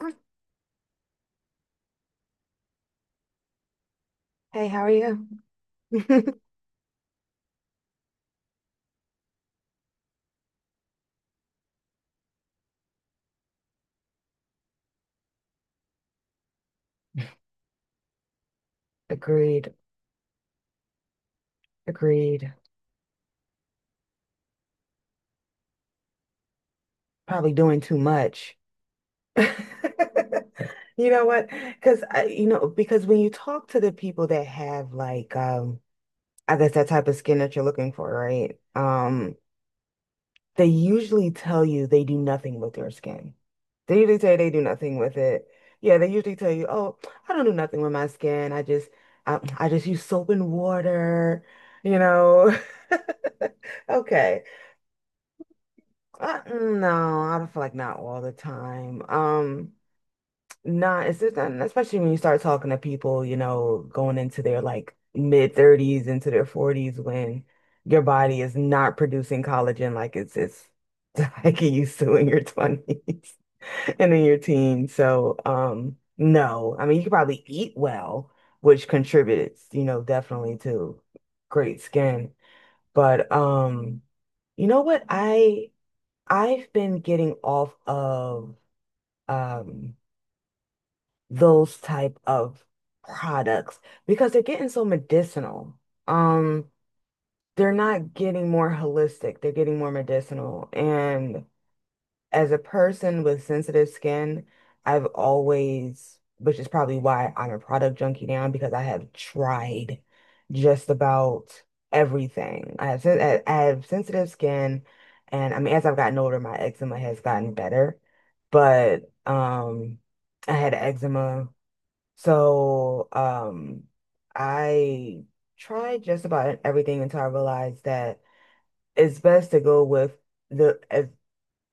Hey, how are you? Agreed. Agreed. Probably doing too much. You know what? Because when you talk to the people that have I guess that type of skin that you're looking for, right? They usually tell you they do nothing with their skin. They usually say they do nothing with it. Yeah, they usually tell you, oh, I don't do nothing with my skin. I just, I just use soap and water, you know. Okay. No, I don't feel like not all the time. Not it's just not, especially when you start talking to people, you know, going into their like mid thirties into their forties when your body is not producing collagen like it's like it used to in your twenties and in your teens. So, no, I mean you could probably eat well, which contributes, you know, definitely to great skin. But you know what I. I've been getting off of um those type of products because they're getting so medicinal. Um, they're not getting more holistic, they're getting more medicinal. And as a person with sensitive skin, I've always, which is probably why I'm a product junkie now, because I have tried just about everything. I have, I have sensitive skin, and I mean, as I've gotten older, my eczema has gotten better, but I had eczema, so I tried just about everything until I realized that it's best to go with the if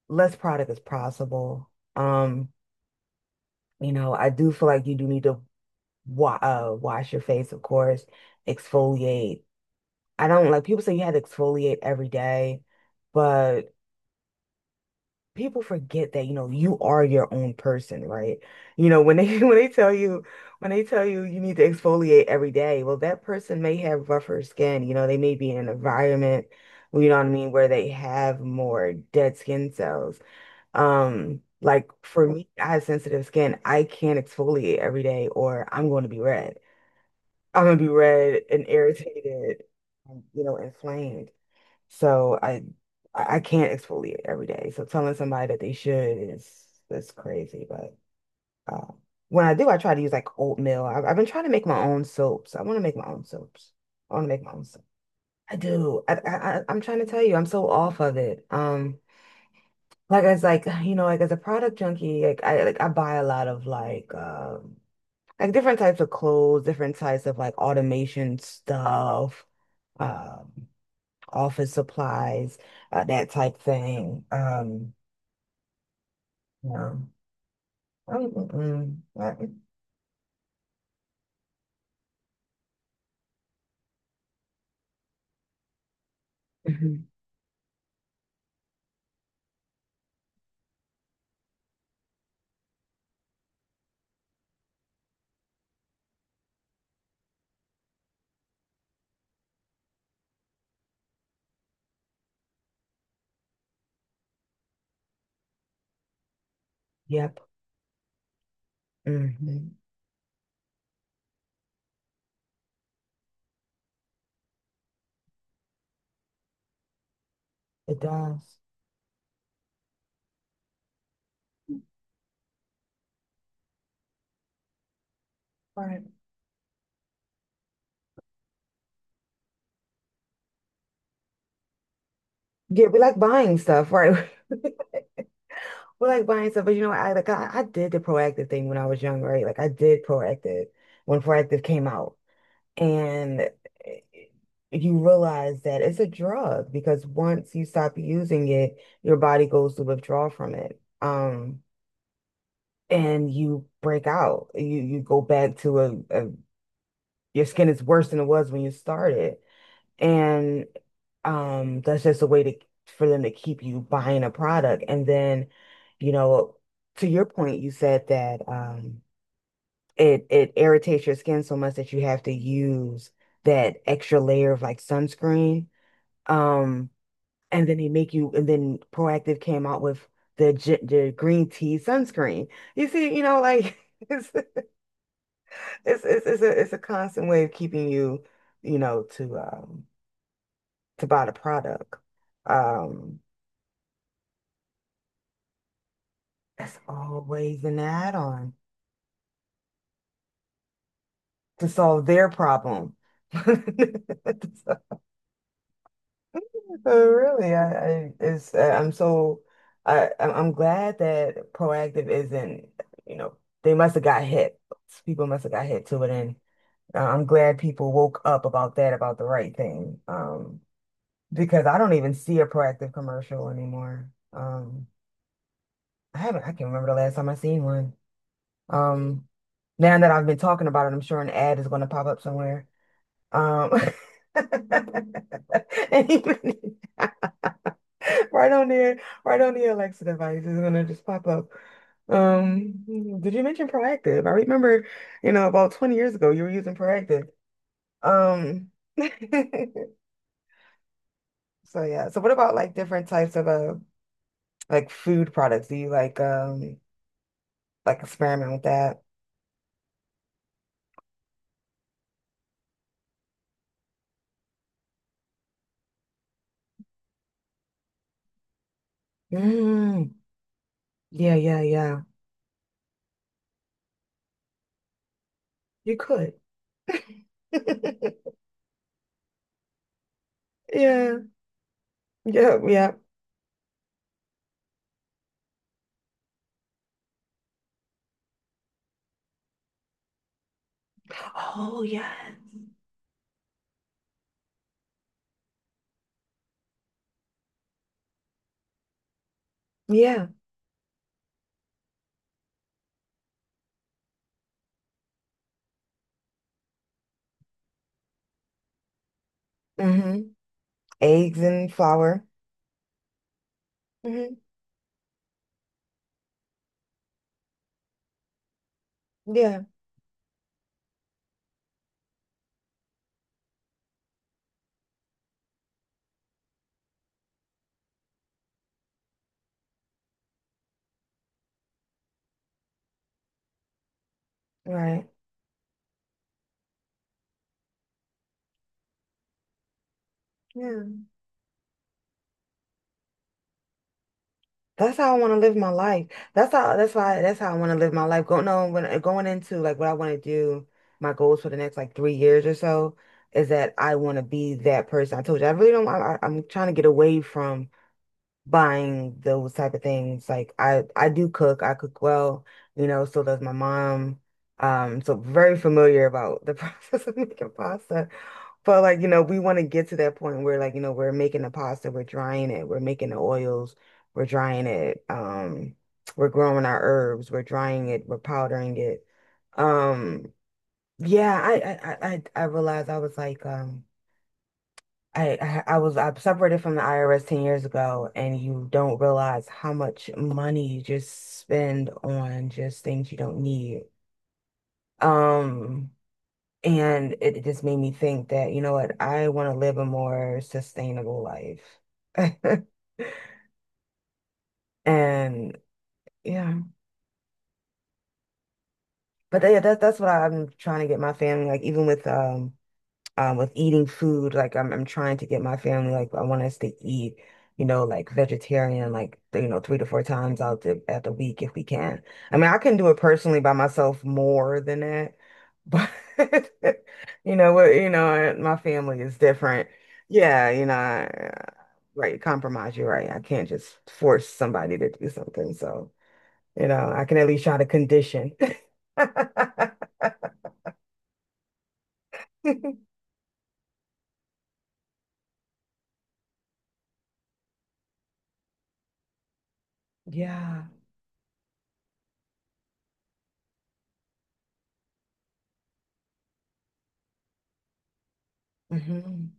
less product as possible. Um, you know, I do feel like you do need to wa wash your face, of course, exfoliate. I don't like people say you had to exfoliate every day, but people forget that, you know, you are your own person, right? You know, when they when they tell you when they tell you you need to exfoliate every day, well, that person may have rougher skin. You know, they may be in an environment, you know what I mean, where they have more dead skin cells. Like for me, I have sensitive skin. I can't exfoliate every day or I'm going to be red. I'm going to be red and irritated, and, you know, inflamed. So I I can't exfoliate every day. So telling somebody that they should is that's crazy. But uh, when I do, I try to use like oatmeal. I've been trying to make my own soaps. I want to make my own soaps. I want to make my own soap. I do. I m trying to tell you, I'm so off of it. Like you know, like as a product junkie, I buy a lot of like different types of clothes, different types of like automation stuff, um, office supplies, that type thing. You know. Um, mm, mm, mhm. Yep. hmm It does. Right. Yeah, we like buying stuff, right? We like buying stuff, but you know, I did the proactive thing when I was young, right? Like I did proactive when proactive came out. And eh, you realize that it's a drug because once you stop using it, your body goes to withdraw from it. And you break out. You go back to a your skin is worse than it was when you started. And that's just a way to for them to keep you buying a product. And then, you know, to your point, you said that it irritates your skin so much that you have to use that extra layer of like sunscreen. Um, and then they make you, and then Proactive came out with the green tea sunscreen. You see, you know, like it's a constant way of keeping you, you know, to buy the product. Um, that's always an add-on to solve their problem. So oh, really? I it's I'm so I I'm glad that proactive isn't, you know, they must have got hit. People must have got hit to it, and I'm glad people woke up about that, about the right thing. Because I don't even see a proactive commercial anymore. I haven't. I can't remember the last time I seen one. Um, Now that I've been talking about it, I'm sure an ad is going to pop up somewhere. Um, and even- Right on there, right on the Alexa device is gonna just pop up. Um, did you mention proactive? I remember, you know, about 20 years ago you were using proactive. Um, so yeah. So what about like different types of like food products? Do you like experiment with that? Mm, yeah, yeah, yeah. You could. Yeah, yeah, yeah. Oh yeah. Yeah. Mm-hmm. Eggs and flour. Mm-hmm. Yeah. Right. Yeah. That's how I want to live my life. That's how that's how I want to live my life. Going no. when Going into like what I want to do, my goals for the next like 3 years or so is that I want to be that person. I told you I really don't. I'm trying to get away from buying those type of things. Like I do cook. I cook well, you know, so does my mom. So very familiar about the process of making pasta. But like, you know, we want to get to that point where like, you know, we're making the pasta, we're drying it, we're making the oils, we're drying it, we're growing our herbs, we're drying it, we're powdering it. Um, yeah, I I realized I was like, I I was I separated from the IRS 10 years ago, and you don't realize how much money you just spend on just things you don't need. Um, and it just made me think that, you know what, I want to live a more sustainable life. And yeah, but yeah, that's what I'm trying to get my family like even with eating food. Like I'm trying to get my family like I want us to eat, you know, like vegetarian, like you know, three to four times out the at the week if we can. I mean, I can do it personally by myself more than that, but you know what, you know, my family is different. Yeah, you know, right, compromise, you're right. I can't just force somebody to do something. So, you know, I can at least try to condition. Yeah. hmm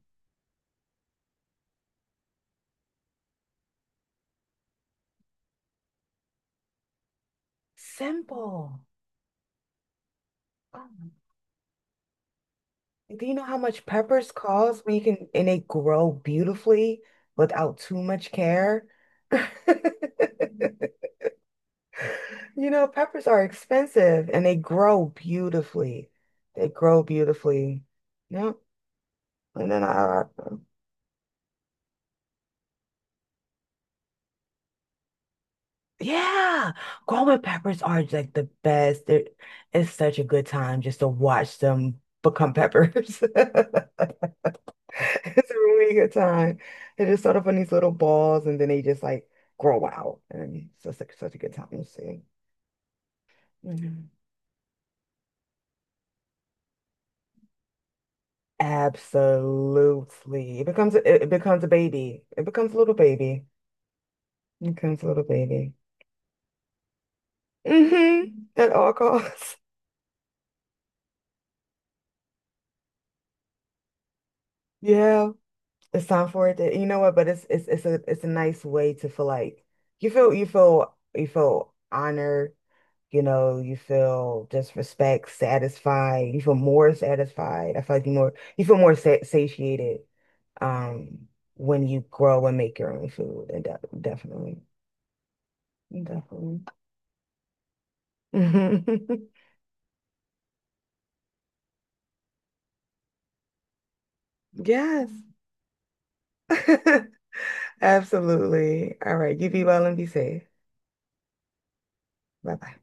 Simple. Do you know how much peppers cost when you can and they grow beautifully without too much care? You know, peppers are expensive and they grow beautifully. They grow beautifully. Yep. And then I, yeah, growing peppers are like the best. They're, it's such a good time just to watch them become peppers. It's a really good time. They just sort off on these little balls and then they just like grow out. And it's just like, such a good time to see. Mhm. Absolutely. It it becomes a baby. It becomes a little baby. It becomes a little baby. Mm-hmm. At all costs. Yeah. It's time for it to, you know what, but it's a nice way to feel like you feel honored. You know, you feel just respect, satisfied. You feel more satisfied. I feel like you more you feel more sa satiated um when you grow and make your own food, and de definitely, definitely. Yes, absolutely. All right, you be well and be safe. Bye bye.